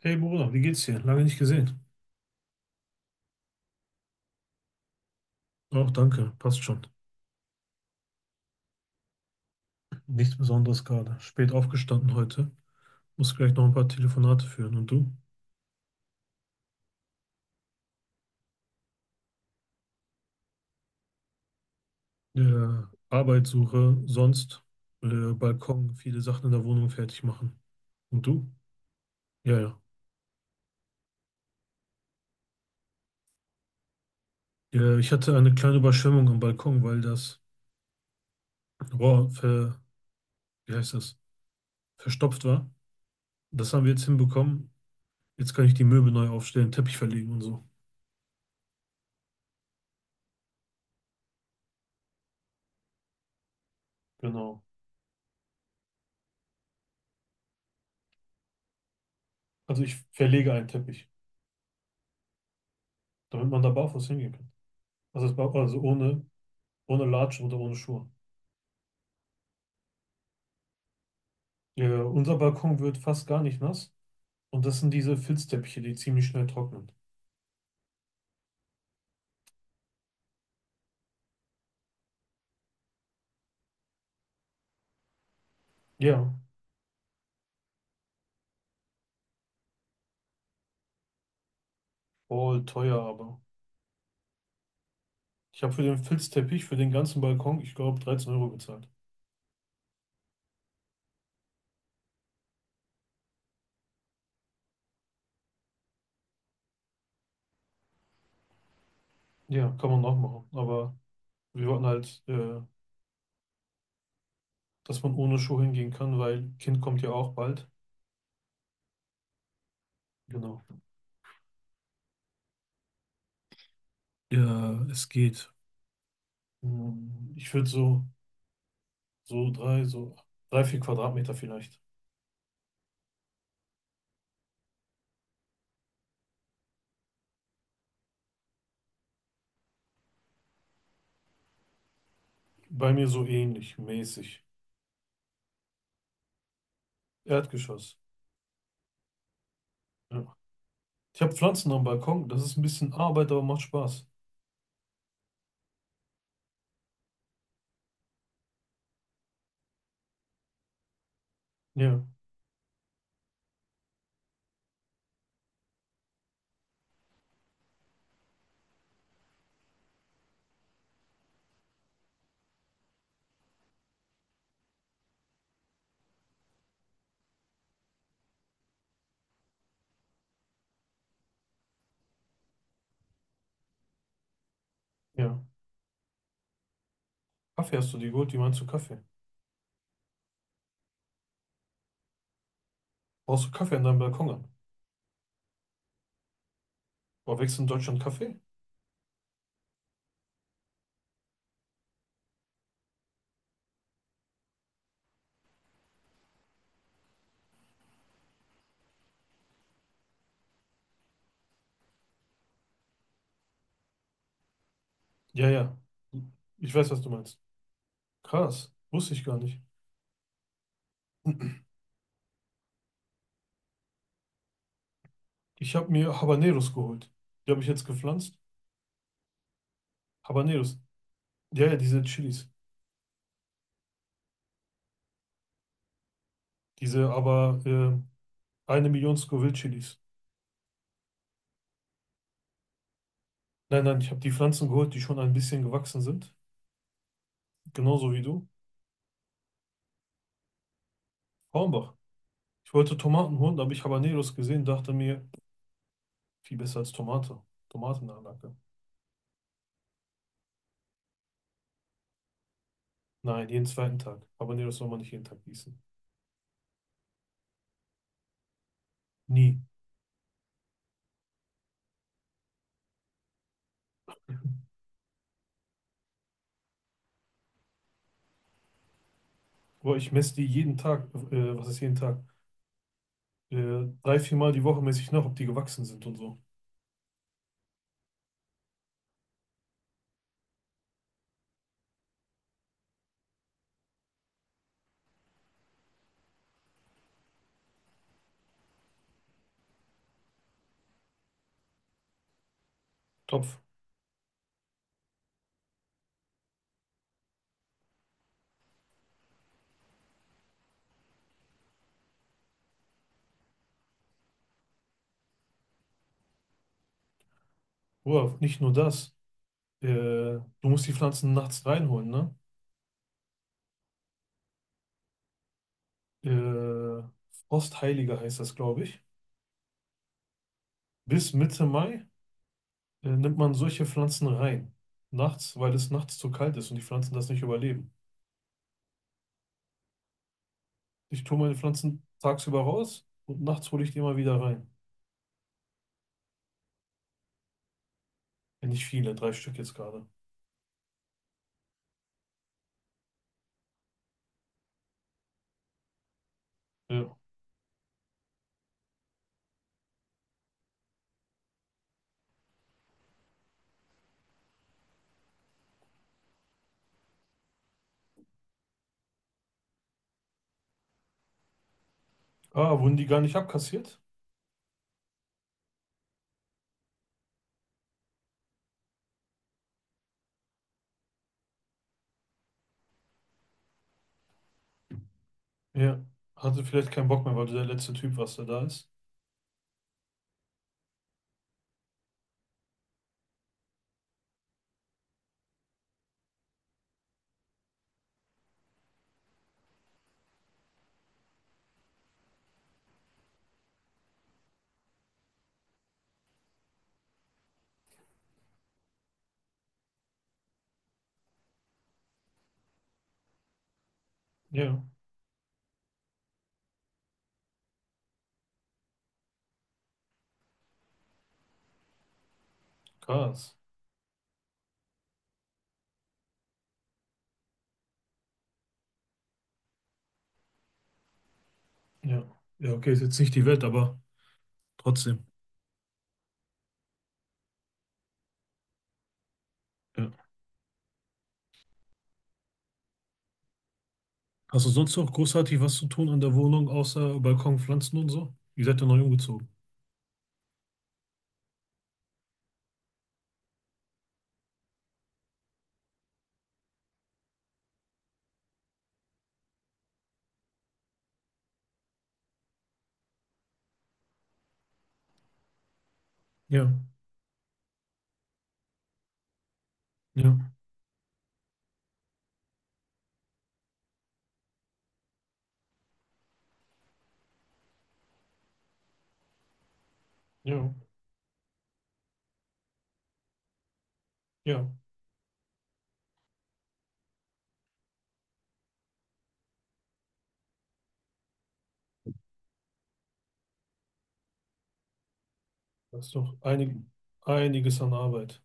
Hey Bruder, wie geht's dir? Lange nicht gesehen. Auch danke, passt schon. Nichts Besonderes gerade. Spät aufgestanden heute. Muss gleich noch ein paar Telefonate führen. Und du? Ja, Arbeitssuche, sonst Balkon, viele Sachen in der Wohnung fertig machen. Und du? Ja, ja. Ja, ich hatte eine kleine Überschwemmung am Balkon, weil das Rohr wie heißt das? Verstopft war. Das haben wir jetzt hinbekommen. Jetzt kann ich die Möbel neu aufstellen, Teppich verlegen und so. Genau. Also ich verlege einen Teppich, damit man da barfuß hingehen kann. Also, das Balkon, also ohne Latschen oder ohne Schuhe. Ja, unser Balkon wird fast gar nicht nass. Und das sind diese Filzteppiche, die ziemlich schnell trocknen. Ja, voll teuer, aber. Ich habe für den Filzteppich, für den ganzen Balkon, ich glaube, 13 € bezahlt. Ja, kann man auch machen. Aber wir wollten halt, dass man ohne Schuhe hingehen kann, weil Kind kommt ja auch bald. Genau. Ja, es geht. Ich würde so 3, 4 Quadratmeter vielleicht. Bei mir so ähnlich, mäßig. Erdgeschoss. Ja. Ich habe Pflanzen am Balkon. Das ist ein bisschen Arbeit, aber macht Spaß. Ja, ja. Kaffee hast du dir geholt? Wie meinst du Kaffee? Brauchst du Kaffee an deinem Balkon an? Boah, wächst in Deutschland Kaffee? Ja, ja. Ich weiß, was du meinst. Krass. Wusste ich gar nicht. Ich habe mir Habaneros geholt. Die habe ich jetzt gepflanzt. Habaneros. Ja, ja, diese Chilis. Diese aber 1 Million Scoville-Chilis. Nein, nein, ich habe die Pflanzen geholt, die schon ein bisschen gewachsen sind. Genauso wie du. Hornbach. Ich wollte Tomaten holen, da habe ich Habaneros gesehen, dachte mir, viel besser als Tomate. Tomatenanlage. Nein, jeden zweiten Tag. Aber nee, das soll man nicht jeden Tag gießen. Nie. Boah, ich messe die jeden Tag, was ist jeden Tag? 3, 4 Mal die Woche messe ich nach, ob die gewachsen sind und so. Topf. Boah, nicht nur das. Du musst die Pflanzen nachts reinholen, ne? Äh, Frostheiliger heißt das, glaube ich. Bis Mitte Mai nimmt man solche Pflanzen rein. Nachts, weil es nachts zu kalt ist und die Pflanzen das nicht überleben. Ich tue meine Pflanzen tagsüber raus und nachts hole ich die immer wieder rein. Ja, nicht viele, drei Stück jetzt gerade. Ja. Ah, wurden die gar nicht abkassiert? Ja. Hatte vielleicht keinen Bock mehr, weil du der letzte Typ warst, der da ist. Ja, krass. Ja. Ja, okay, ist jetzt nicht die Welt, aber trotzdem. Ja. Hast du sonst noch großartig was zu tun an der Wohnung, außer Balkon, Pflanzen und so? Ihr seid ja neu umgezogen. Ja, ja, ja, ja. Das ist doch einiges an Arbeit.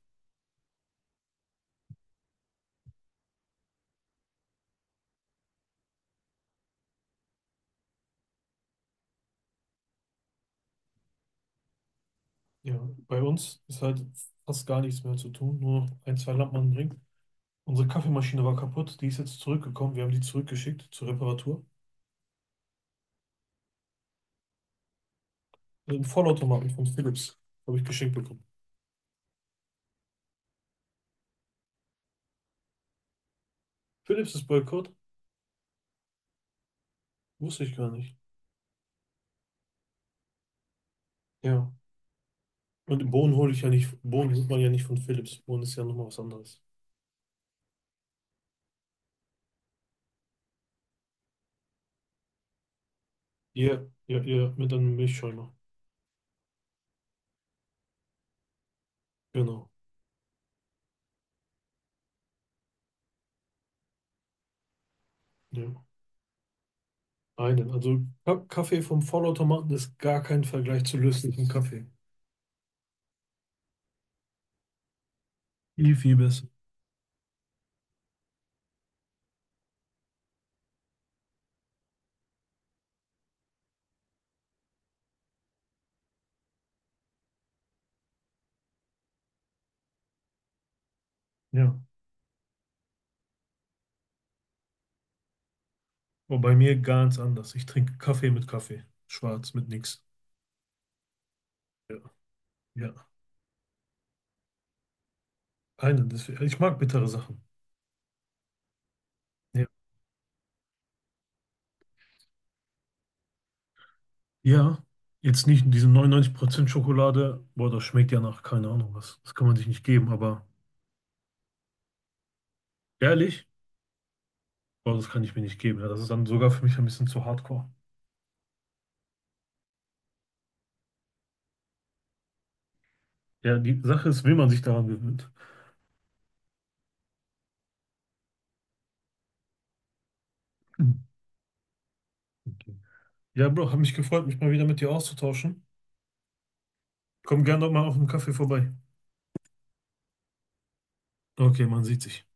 Ja, bei uns ist halt fast gar nichts mehr zu tun, nur noch ein, zwei Lampen anbringen. Unsere Kaffeemaschine war kaputt, die ist jetzt zurückgekommen. Wir haben die zurückgeschickt zur Reparatur. Ein Vollautomaten von Philips habe ich geschenkt bekommen. Philips ist Boykott? Wusste ich gar nicht. Ja. Und Bohnen hole ich ja nicht. Bohnen holt man ja nicht von Philips. Bohnen ist ja nochmal was anderes. Ja, ja, ja, mit einem Milchschäumer. Genau. Ja. Einen. Also Kaffee vom Vollautomaten ist gar kein Vergleich zu löslichem Kaffee. Viel, viel besser. Ja. Aber bei mir ganz anders. Ich trinke Kaffee mit Kaffee. Schwarz mit nix. Ja. Ja. Einen, deswegen, ich mag bittere Sachen. Ja. Ja, jetzt nicht in diesem 99% Schokolade. Boah, das schmeckt ja nach keine Ahnung was. Das kann man sich nicht geben, aber ehrlich, boah, das kann ich mir nicht geben. Ja, das ist dann sogar für mich ein bisschen zu hardcore. Ja, die Sache ist, will man sich daran gewöhnt. Hm. Okay. Ja, Bro, habe mich gefreut, mich mal wieder mit dir auszutauschen. Komm gerne doch mal auf dem Kaffee vorbei. Okay, man sieht sich.